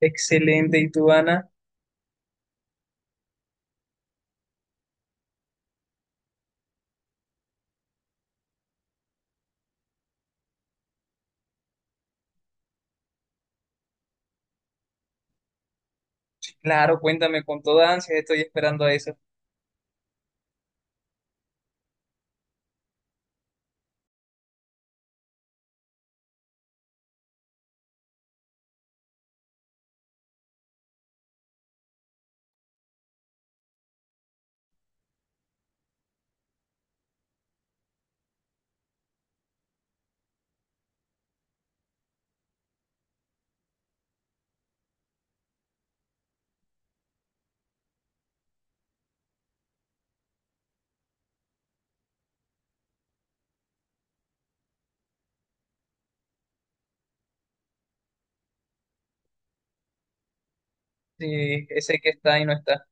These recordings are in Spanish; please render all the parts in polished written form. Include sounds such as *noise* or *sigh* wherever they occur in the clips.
Excelente, ¿y tú, Ana? Claro, cuéntame con toda ansia, estoy esperando a eso. Sí, ese que está y no está.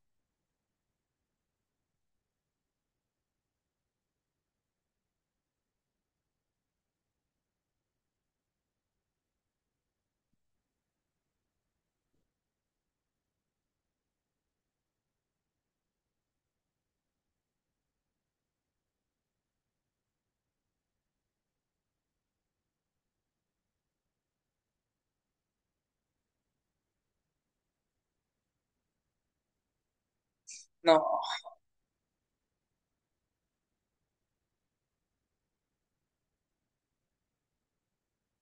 No,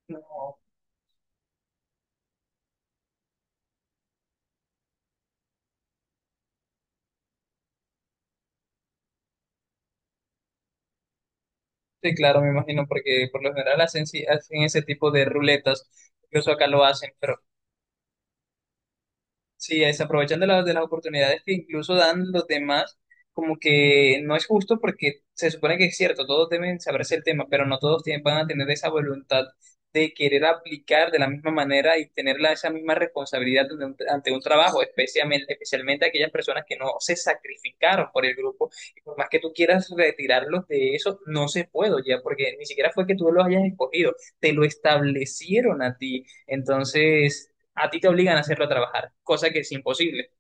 no. Sí, claro, me imagino, porque por lo general hacen, sí, hacen ese tipo de ruletas. Incluso acá lo hacen, pero sí, se aprovechan de las oportunidades que incluso dan los demás, como que no es justo porque se supone que es cierto, todos deben saberse el tema, pero no todos tienen, van a tener esa voluntad de querer aplicar de la misma manera y tener esa misma responsabilidad ante un trabajo, especialmente aquellas personas que no se sacrificaron por el grupo. Y por más que tú quieras retirarlos de eso, no se puede ya, porque ni siquiera fue que tú los hayas escogido, te lo establecieron a ti. Entonces a ti te obligan a hacerlo trabajar, cosa que es imposible.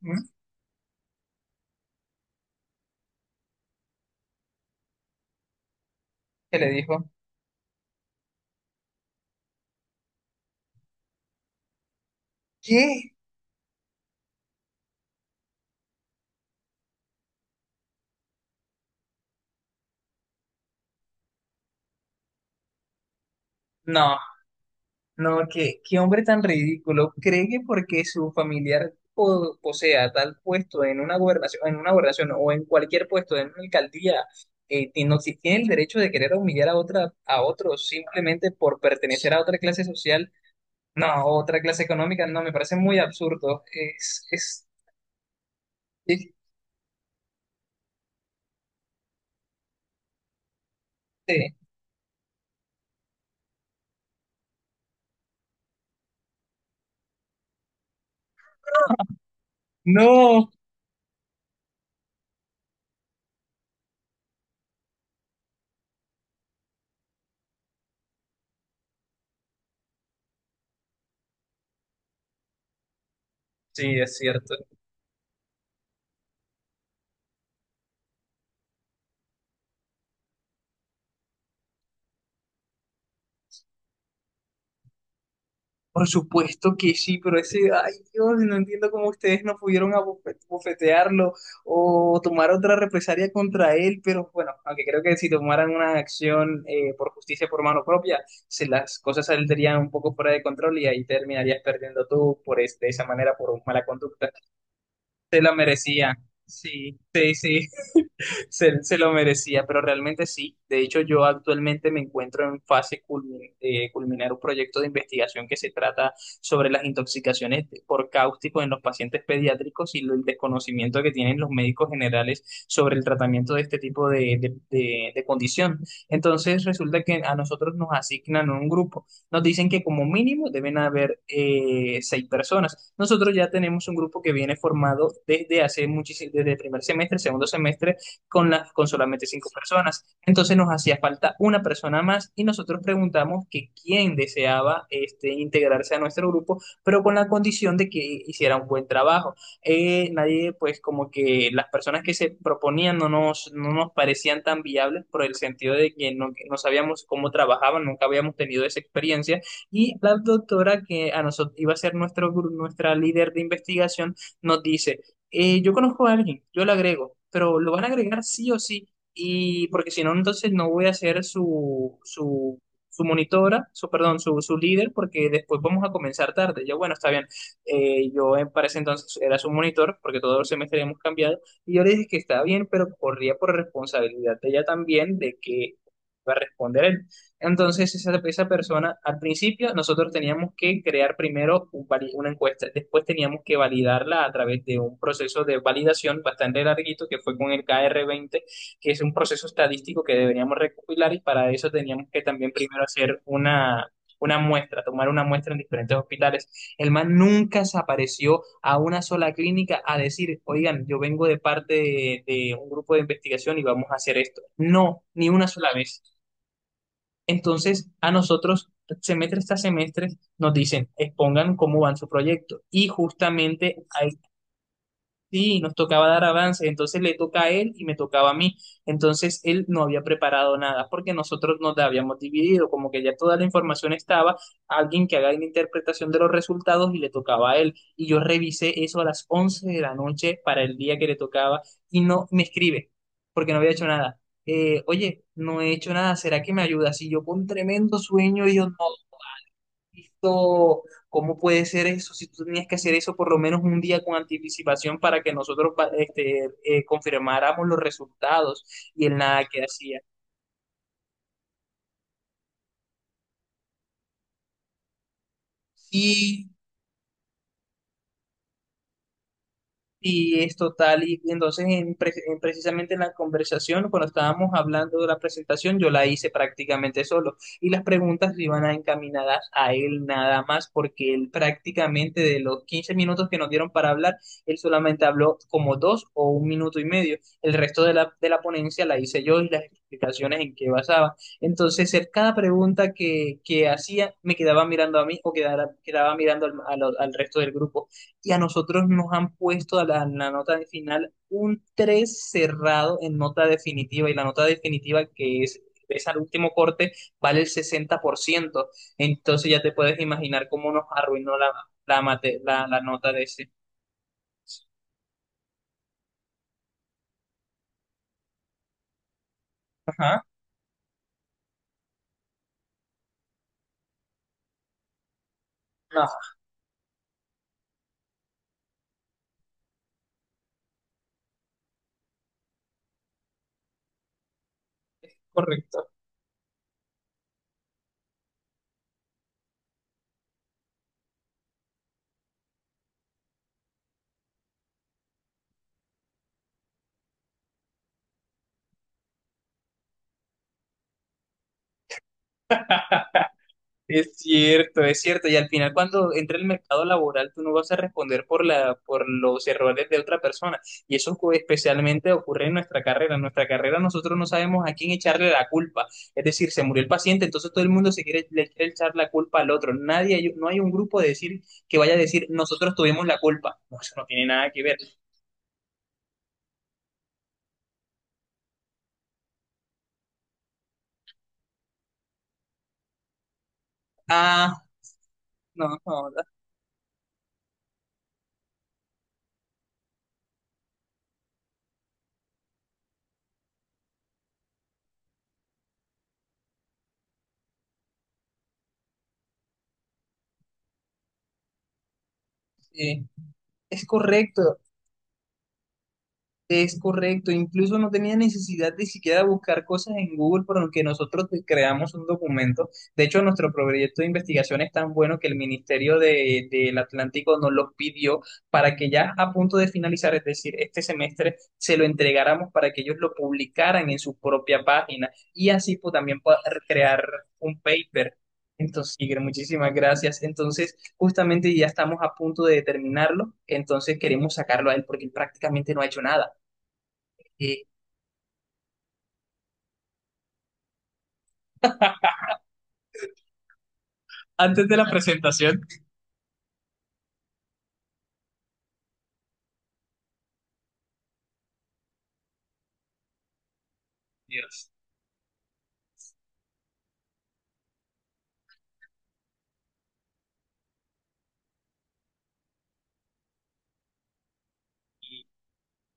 ¿Mm? ¿Qué le dijo? ¿Qué? No, no, qué hombre tan ridículo. ¿Cree que porque su familiar posea tal puesto en una gobernación o en cualquier puesto en una alcaldía, no tiene el derecho de querer humillar a a otros simplemente por pertenecer a otra clase social? No, otra clase económica, no, me parece muy absurdo. Es, este, no. Sí, es cierto. Por supuesto que sí, pero ese, ay Dios, no entiendo cómo ustedes no pudieron bofetearlo o tomar otra represalia contra él, pero bueno, aunque creo que si tomaran una acción por justicia por mano propia, se las cosas saldrían un poco fuera de control y ahí terminarías perdiendo tú por de esa manera por mala conducta. Se la merecía. Sí, sí, sí. Se lo merecía, pero realmente sí. De hecho, yo actualmente me encuentro en fase culminar un proyecto de investigación que se trata sobre las intoxicaciones por cáusticos en los pacientes pediátricos y el desconocimiento que tienen los médicos generales sobre el tratamiento de este tipo de condición. Entonces, resulta que a nosotros nos asignan un grupo. Nos dicen que como mínimo deben haber seis personas. Nosotros ya tenemos un grupo que viene formado desde hace muchísimo, desde el primer semestre, segundo semestre con, las con solamente cinco personas. Entonces nos hacía falta una persona más y nosotros preguntamos que quién deseaba este, integrarse a nuestro grupo, pero con la condición de que hiciera un buen trabajo. Nadie, pues como que las personas que se proponían no nos parecían tan viables por el sentido de que no sabíamos cómo trabajaban, nunca habíamos tenido esa experiencia y la doctora que a nosotros iba a ser nuestra líder de investigación nos dice, yo conozco a alguien, yo lo agrego, pero lo van a agregar sí o sí, y porque si no, entonces no voy a ser su monitora, su, perdón, su líder, porque después vamos a comenzar tarde. Ya bueno, está bien. Yo, para ese entonces era su monitor, porque todos los semestres hemos cambiado, y yo le dije que estaba bien, pero corría por responsabilidad de ella también de que iba a responder entonces, esa persona, al principio, nosotros teníamos que crear primero una encuesta, después teníamos que validarla a través de un proceso de validación bastante larguito que fue con el KR20, que es un proceso estadístico que deberíamos recopilar y para eso teníamos que también primero hacer una muestra, tomar una muestra en diferentes hospitales. El man nunca se apareció a una sola clínica a decir, oigan, yo vengo de parte de un grupo de investigación y vamos a hacer esto. No, ni una sola vez. Entonces, a nosotros, semestre tras semestre, nos dicen, expongan cómo van su proyecto. Y justamente sí, nos tocaba dar avances, entonces le toca a él y me tocaba a mí. Entonces él no había preparado nada porque nosotros nos la habíamos dividido, como que ya toda la información estaba, alguien que haga una interpretación de los resultados y le tocaba a él. Y yo revisé eso a las 11 de la noche para el día que le tocaba y no me escribe porque no había hecho nada. Oye, no he hecho nada, ¿será que me ayuda? Y yo con tremendo sueño y yo no, visto cómo puede ser eso, si tú tenías que hacer eso por lo menos un día con anticipación para que nosotros confirmáramos los resultados y él nada que hacía. Y Y es total, y entonces en, pre- en precisamente en la conversación, cuando estábamos hablando de la presentación, yo la hice prácticamente solo y las preguntas no iban encaminadas a él nada más, porque él prácticamente de los 15 minutos que nos dieron para hablar, él solamente habló como dos o un minuto y medio. El resto de la ponencia la hice yo y las explicaciones en qué basaba. Entonces, él, cada pregunta que hacía me quedaba mirando a mí o quedaba mirando al al resto del grupo y a nosotros nos han puesto a la nota de final un 3 cerrado en nota definitiva y la nota definitiva que es al último corte vale el 60%. Entonces ya te puedes imaginar cómo nos arruinó la nota de ese. Ajá. Ah, correcto. Es cierto, es cierto. Y al final, cuando entra el mercado laboral, tú no vas a responder por los errores de otra persona. Y eso especialmente ocurre en nuestra carrera. En nuestra carrera nosotros no sabemos a quién echarle la culpa. Es decir, se murió el paciente, entonces todo el mundo le quiere echar la culpa al otro. Nadie, no hay un grupo de decir que vaya a decir nosotros tuvimos la culpa. No, eso no tiene nada que ver. Ah, no, no, sí, es correcto. Es correcto, incluso no tenía necesidad de siquiera buscar cosas en Google por que nosotros creamos un documento. De hecho, nuestro proyecto de investigación es tan bueno que el Ministerio del Atlántico nos lo pidió para que ya a punto de finalizar, es decir, este semestre, se lo entregáramos para que ellos lo publicaran en su propia página y así pues, también poder crear un paper. Entonces, Iker, muchísimas gracias. Entonces, justamente ya estamos a punto de terminarlo, entonces queremos sacarlo a él porque él prácticamente no ha hecho nada eh, antes de la presentación. Dios.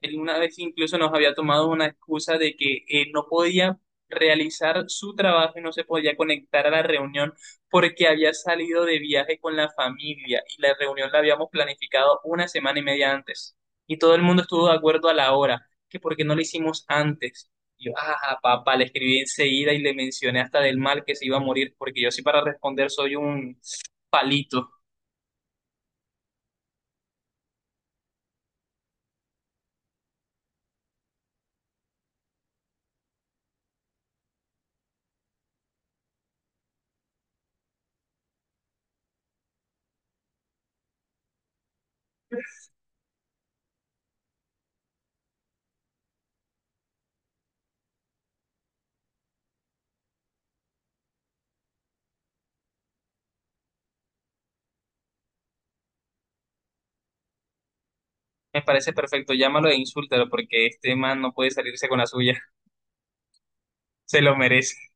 Él una vez incluso nos había tomado una excusa de que no podía realizar su trabajo y no se podía conectar a la reunión porque había salido de viaje con la familia y la reunión la habíamos planificado una semana y media antes. Y todo el mundo estuvo de acuerdo a la hora, que porque no lo hicimos antes. Y yo, ajá, papá, le escribí enseguida y le mencioné hasta del mal que se iba a morir, porque yo sí para responder soy un palito. Me parece perfecto, llámalo e insúltalo porque este man no puede salirse con la suya, *laughs* se lo merece.